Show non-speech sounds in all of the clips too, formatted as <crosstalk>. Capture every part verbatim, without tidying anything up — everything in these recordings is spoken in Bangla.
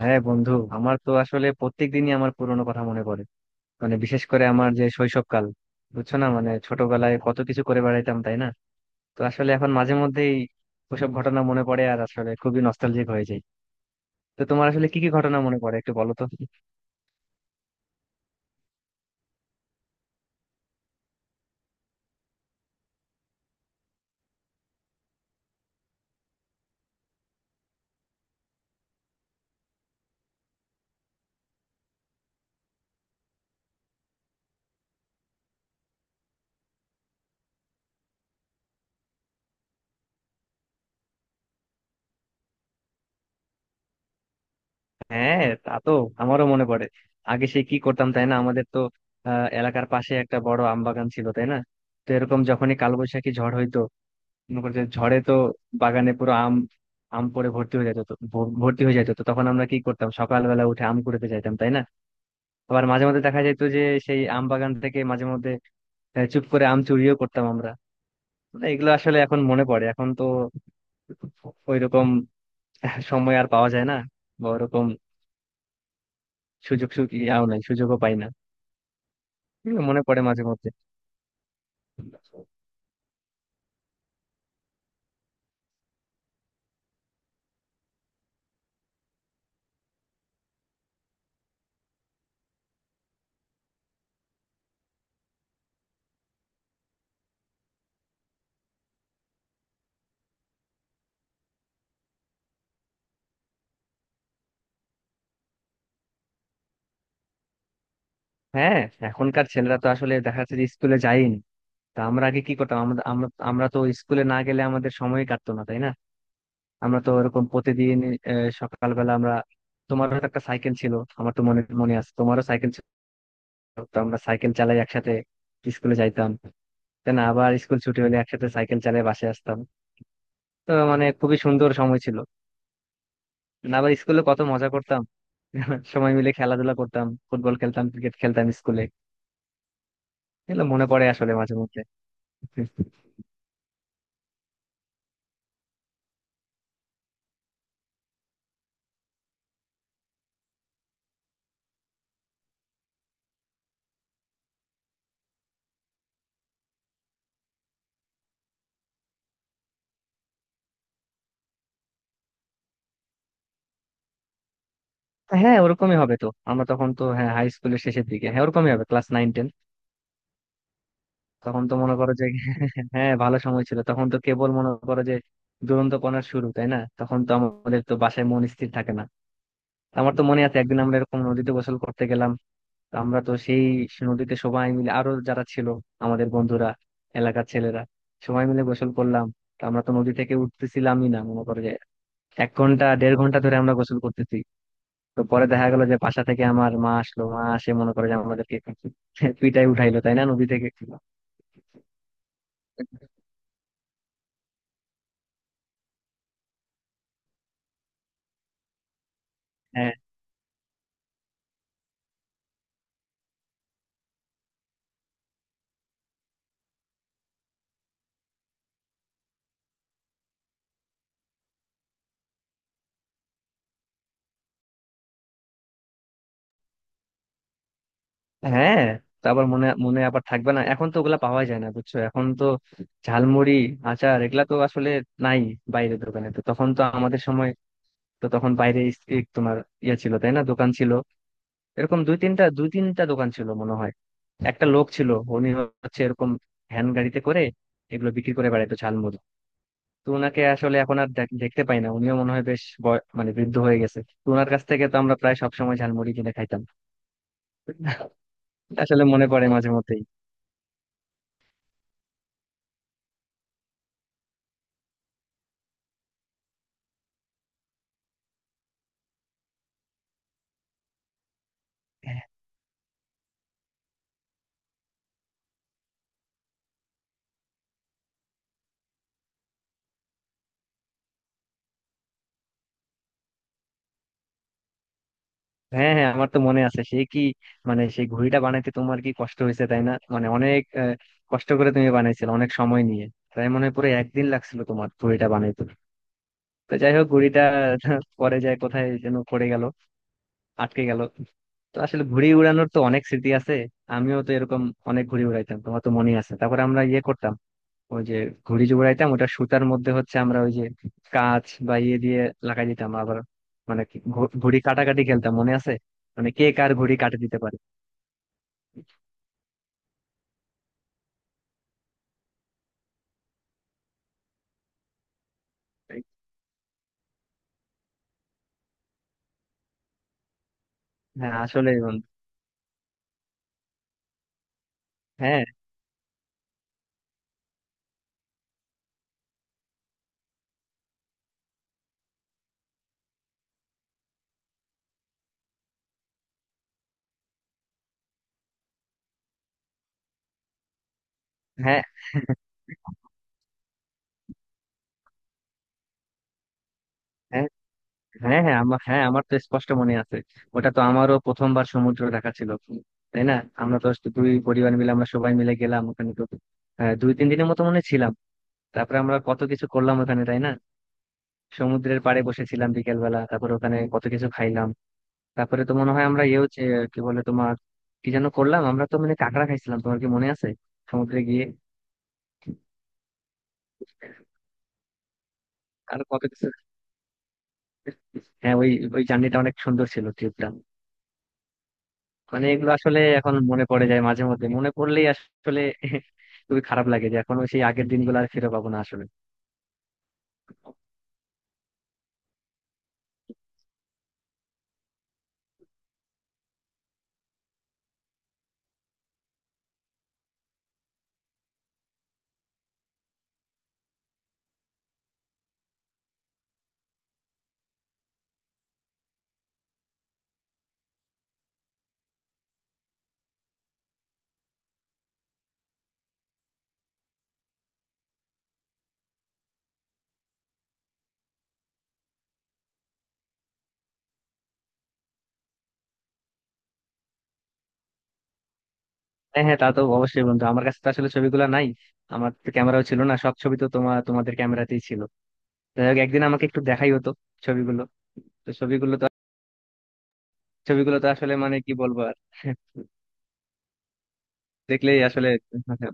হ্যাঁ বন্ধু, আমার তো আসলে প্রত্যেক দিনই আমার পুরোনো কথা মনে পড়ে। মানে বিশেষ করে আমার যে শৈশবকাল, বুঝছো না, মানে ছোটবেলায় কত কিছু করে বেড়াইতাম, তাই না? তো আসলে এখন মাঝে মধ্যেই ওসব ঘটনা মনে পড়ে আর আসলে খুবই নস্টালজিক হয়ে যায়। তো তোমার আসলে কি কি ঘটনা মনে পড়ে একটু বলো তো। হ্যাঁ, তা তো আমারও মনে পড়ে। আগে সে কি করতাম, তাই না? আমাদের তো আহ এলাকার পাশে একটা বড় আম বাগান ছিল, তাই না। তো এরকম যখনই কালবৈশাখী ঝড় হইতো, মনে করো যে ঝড়ে তো বাগানে পুরো আম আম পড়ে ভর্তি হয়ে যেত, তো ভ- ভর্তি হয়ে যেত, তো তখন আমরা কি করতাম? সকালবেলা উঠে আম কুড়াতে যাইতাম, তাই না। আবার মাঝে মধ্যে দেখা যেত যে সেই আম বাগান থেকে মাঝে মধ্যে আহ, চুপ করে আম চুরিও করতাম আমরা। মানে এগুলো আসলে এখন মনে পড়ে, এখন তো ওইরকম সময় আর পাওয়া যায় না, বা ওরকম সুযোগ সু- ইয়াও নাই, সুযোগও পাই না। এগুলো মনে পড়ে মাঝে মধ্যে। হ্যাঁ, এখনকার ছেলেরা তো আসলে দেখা যাচ্ছে যে স্কুলে যায়ই না। তা আমরা আগে কি করতাম? আমরা আমরা আমরা তো স্কুলে না গেলে আমাদের সময় কাটতো না, তাই না। আমরা তো এরকম প্রতিদিন আহ, সকালবেলা আমরা, তোমারও তো একটা সাইকেল ছিল, আমার তো মনে মনে আছে তোমারও সাইকেল ছিল। তো আমরা সাইকেল চালাই একসাথে স্কুলে যাইতাম, তাই না। আবার স্কুল ছুটি হলে একসাথে সাইকেল চালিয়ে বাসায় আসতাম। তো মানে খুবই সুন্দর সময় ছিল। না, আবার স্কুলে কত মজা করতাম। <laughs> সময় মিলে খেলাধুলা করতাম, ফুটবল খেলতাম, ক্রিকেট খেলতাম স্কুলে। এগুলো মনে পড়ে আসলে মাঝে মধ্যে। হ্যাঁ ওরকমই হবে, তো আমরা তখন তো হ্যাঁ হাই স্কুলের শেষের দিকে, হ্যাঁ ওরকমই হবে, ক্লাস নাইন টেন। তখন তো মনে করো যে, হ্যাঁ ভালো সময় ছিল, তখন তো কেবল মনে করো যে দুরন্তপনার শুরু, তাই না। তখন তো আমাদের তো বাসায় মন স্থির থাকে না। আমার তো মনে আছে একদিন আমরা এরকম নদীতে গোসল করতে গেলাম। তো আমরা তো সেই নদীতে সবাই মিলে, আরো যারা ছিল আমাদের বন্ধুরা, এলাকার ছেলেরা, সবাই মিলে গোসল করলাম। তো আমরা তো নদী থেকে উঠতেছিলামই না, মনে করো যে এক ঘন্টা দেড় ঘন্টা ধরে আমরা গোসল করতেছি। তো পরে দেখা গেল যে বাসা থেকে আমার মা আসলো, মা আসে মনে করে যে আমাদেরকে পিটাই উঠাইলো, তাই না, নদী থেকে। হ্যাঁ, হ্যাঁ। তা আবার মনে মনে আবার থাকবে না, এখন তো ওগুলা পাওয়া যায় না, বুঝছো। এখন তো ঝালমুড়ি, আচার, এগুলা তো আসলে নাই। বাইরের দোকানে তো তখন তো আমাদের সময়, তো তখন বাইরে ইস- ই তোমার ইয়ে ছিল, তাই না, দোকান ছিল। এরকম দুই তিনটা দুই তিনটা দোকান ছিল মনে হয়। একটা লোক ছিল, উনি হচ্ছে এরকম ভ্যান গাড়িতে করে এগুলো বিক্রি করে বেড়াইতো, ঝালমুড়ি। তো ওনাকে আসলে এখন আর দেখ- দেখতে পাই না, উনিও মনে হয় বেশ বয়- মানে বৃদ্ধ হয়ে গেছে। তো ওনার কাছ থেকে তো আমরা প্রায় সবসময় ঝালমুড়ি কিনে খাইতাম। এটা আসলে মনে পড়ে মাঝে মধ্যেই। হ্যাঁ, হ্যাঁ, আমার তো মনে আছে সেই কি, মানে সেই ঘুড়িটা বানাইতে তোমার কি কষ্ট হয়েছে, তাই না, মানে অনেক আহ, কষ্ট করে তুমি বানাইছিলে, অনেক সময় নিয়ে। তাই মনে হয় পুরো একদিন লাগছিল তোমার ঘুড়িটা বানাইতে। তো যাই হোক, ঘুড়িটা <laughs> পরে যায় কোথায় যেন পড়ে গেল, আটকে গেল। তো আসলে ঘুড়ি উড়ানোর তো অনেক স্মৃতি আছে। আমিও তো এরকম অনেক ঘুড়ি উড়াইতাম, তোমার তো মনে আছে। তারপর আমরা ইয়ে করতাম, ওই যে ঘুড়ি জোড়াইতাম, ওটা সুতার মধ্যে হচ্ছে আমরা ওই যে কাঁচ বা ইয়ে দিয়ে লাগাই দিতাম আবার, মানে কি ঘু- ঘুড়ি কাটাকাটি খেলতাম, মনে আছে, মানে কে কার ঘুড়ি কাটে দিতে পারে। হ্যাঁ, আসলে বন্ধু, হ্যাঁ, হ্যাঁ, হ্যাঁ। হ্যাঁ, হ্যাঁ, আমার, হ্যাঁ, আমার তো স্পষ্ট মনে আছে। ওটা তো আমারও প্রথমবার সমুদ্র দেখা ছিল, তাই না। আমরা তো দুই পরিবার মিলে আমরা সবাই মিলে গেলাম ওখানে। তো হ্যাঁ, দুই তিন দিনের মতো মনে হয় ছিলাম। তারপরে আমরা কত কিছু করলাম ওখানে, তাই না। সমুদ্রের পাড়ে বসেছিলাম বিকেল বেলা, তারপর ওখানে কত কিছু খাইলাম। তারপরে তো মনে হয় আমরা ইয়েও চে- কি বলে তোমার, কি যেন করলাম আমরা, তো মানে কাঁকড়া খাইছিলাম, তোমার কি মনে আছে, সমুদ্রে গিয়ে। আর কত কিছু, হ্যাঁ। ওই, ওই জার্নিটা অনেক সুন্দর ছিল, ট্রিপটা। মানে এগুলো আসলে এখন মনে পড়ে যায় মাঝে মধ্যে। মনে পড়লেই আসলে <laughs> খুবই খারাপ লাগে যে এখন সেই আগের দিনগুলো আর ফিরে পাবো না আসলে। হ্যাঁ, হ্যাঁ, তা তো অবশ্যই বন্ধু। আমার কাছে তো আসলে ছবিগুলো নাই, আমার তো ক্যামেরাও ছিল না, সব ছবি তো তোমার, তোমাদের ক্যামেরাতেই ছিল। যাই হোক, একদিন আমাকে একটু দেখাই হতো ছবিগুলো তো ছবিগুলো তো ছবিগুলো তো আসলে মানে কি বলবো আর, <laughs> দেখলেই আসলে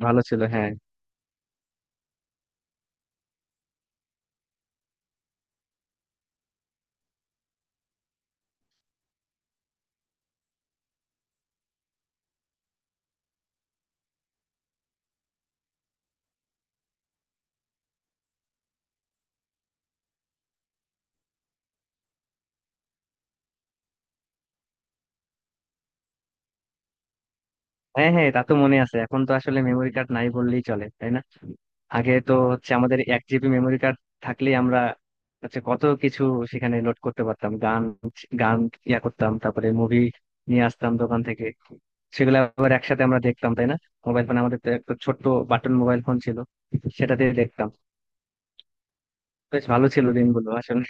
ভালো ছিল, হ্যাঁ। হ্যাঁ, হ্যাঁ, তা তো মনে আছে। এখন তো আসলে মেমোরি কার্ড নাই বললেই চলে, তাই না। আগে তো হচ্ছে আমাদের এক জিবি মেমোরি কার্ড থাকলেই আমরা হচ্ছে কত কিছু সেখানে লোড করতে পারতাম, গান গান ইয়া করতাম। তারপরে মুভি নিয়ে আসতাম দোকান থেকে, সেগুলো আবার একসাথে আমরা দেখতাম, তাই না। মোবাইল ফোন আমাদের তো একটা ছোট্ট বাটন মোবাইল ফোন ছিল, সেটাতে দেখতাম। বেশ ভালো ছিল দিনগুলো আসলে।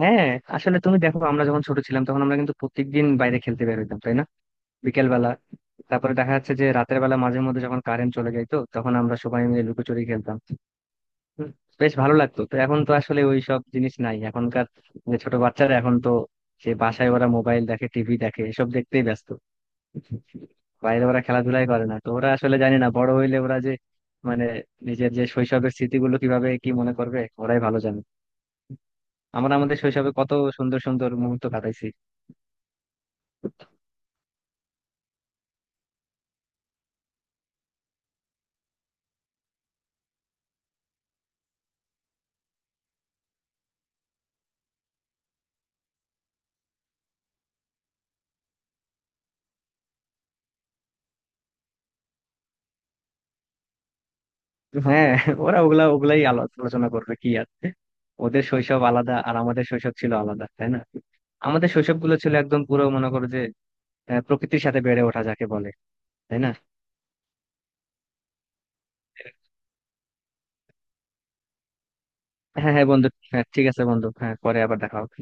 হ্যাঁ, আসলে তুমি দেখো আমরা যখন ছোট ছিলাম তখন আমরা কিন্তু প্রত্যেকদিন বাইরে খেলতে বের হইতাম, তাই না, বিকেল বেলা। তারপরে দেখা যাচ্ছে যে রাতের বেলা মাঝে মধ্যে যখন কারেন্ট চলে যেত তখন আমরা সবাই মিলে লুকোচুরি খেলতাম। হুম, বেশ ভালো লাগতো। তো এখন তো আসলে ওই সব জিনিস নাই, এখনকার যে ছোট বাচ্চারা, এখন তো সে বাসায় ওরা মোবাইল দেখে, টিভি দেখে, এসব দেখতেই ব্যস্ত। বাইরে ওরা খেলাধুলাই করে না। তো ওরা আসলে, জানি না, বড় হইলে ওরা যে মানে নিজের যে শৈশবের স্মৃতিগুলো কিভাবে কি মনে করবে ওরাই ভালো জানে। আমরা আমাদের শৈশবে কত সুন্দর সুন্দর মুহূর্ত কাটাইছি। হ্যাঁ, ওরা ওগুলা ওগুলাই আলো- আলোচনা করবে, কি আর। ওদের শৈশব আলাদা আর আমাদের শৈশব ছিল আলাদা, তাই না। আমাদের শৈশব গুলো ছিল একদম পুরো, মনে করো যে, আহ, প্রকৃতির সাথে বেড়ে ওঠা যাকে বলে, তাই না। হ্যাঁ, হ্যাঁ বন্ধু। হ্যাঁ, ঠিক আছে বন্ধু, হ্যাঁ, পরে আবার দেখা হবে।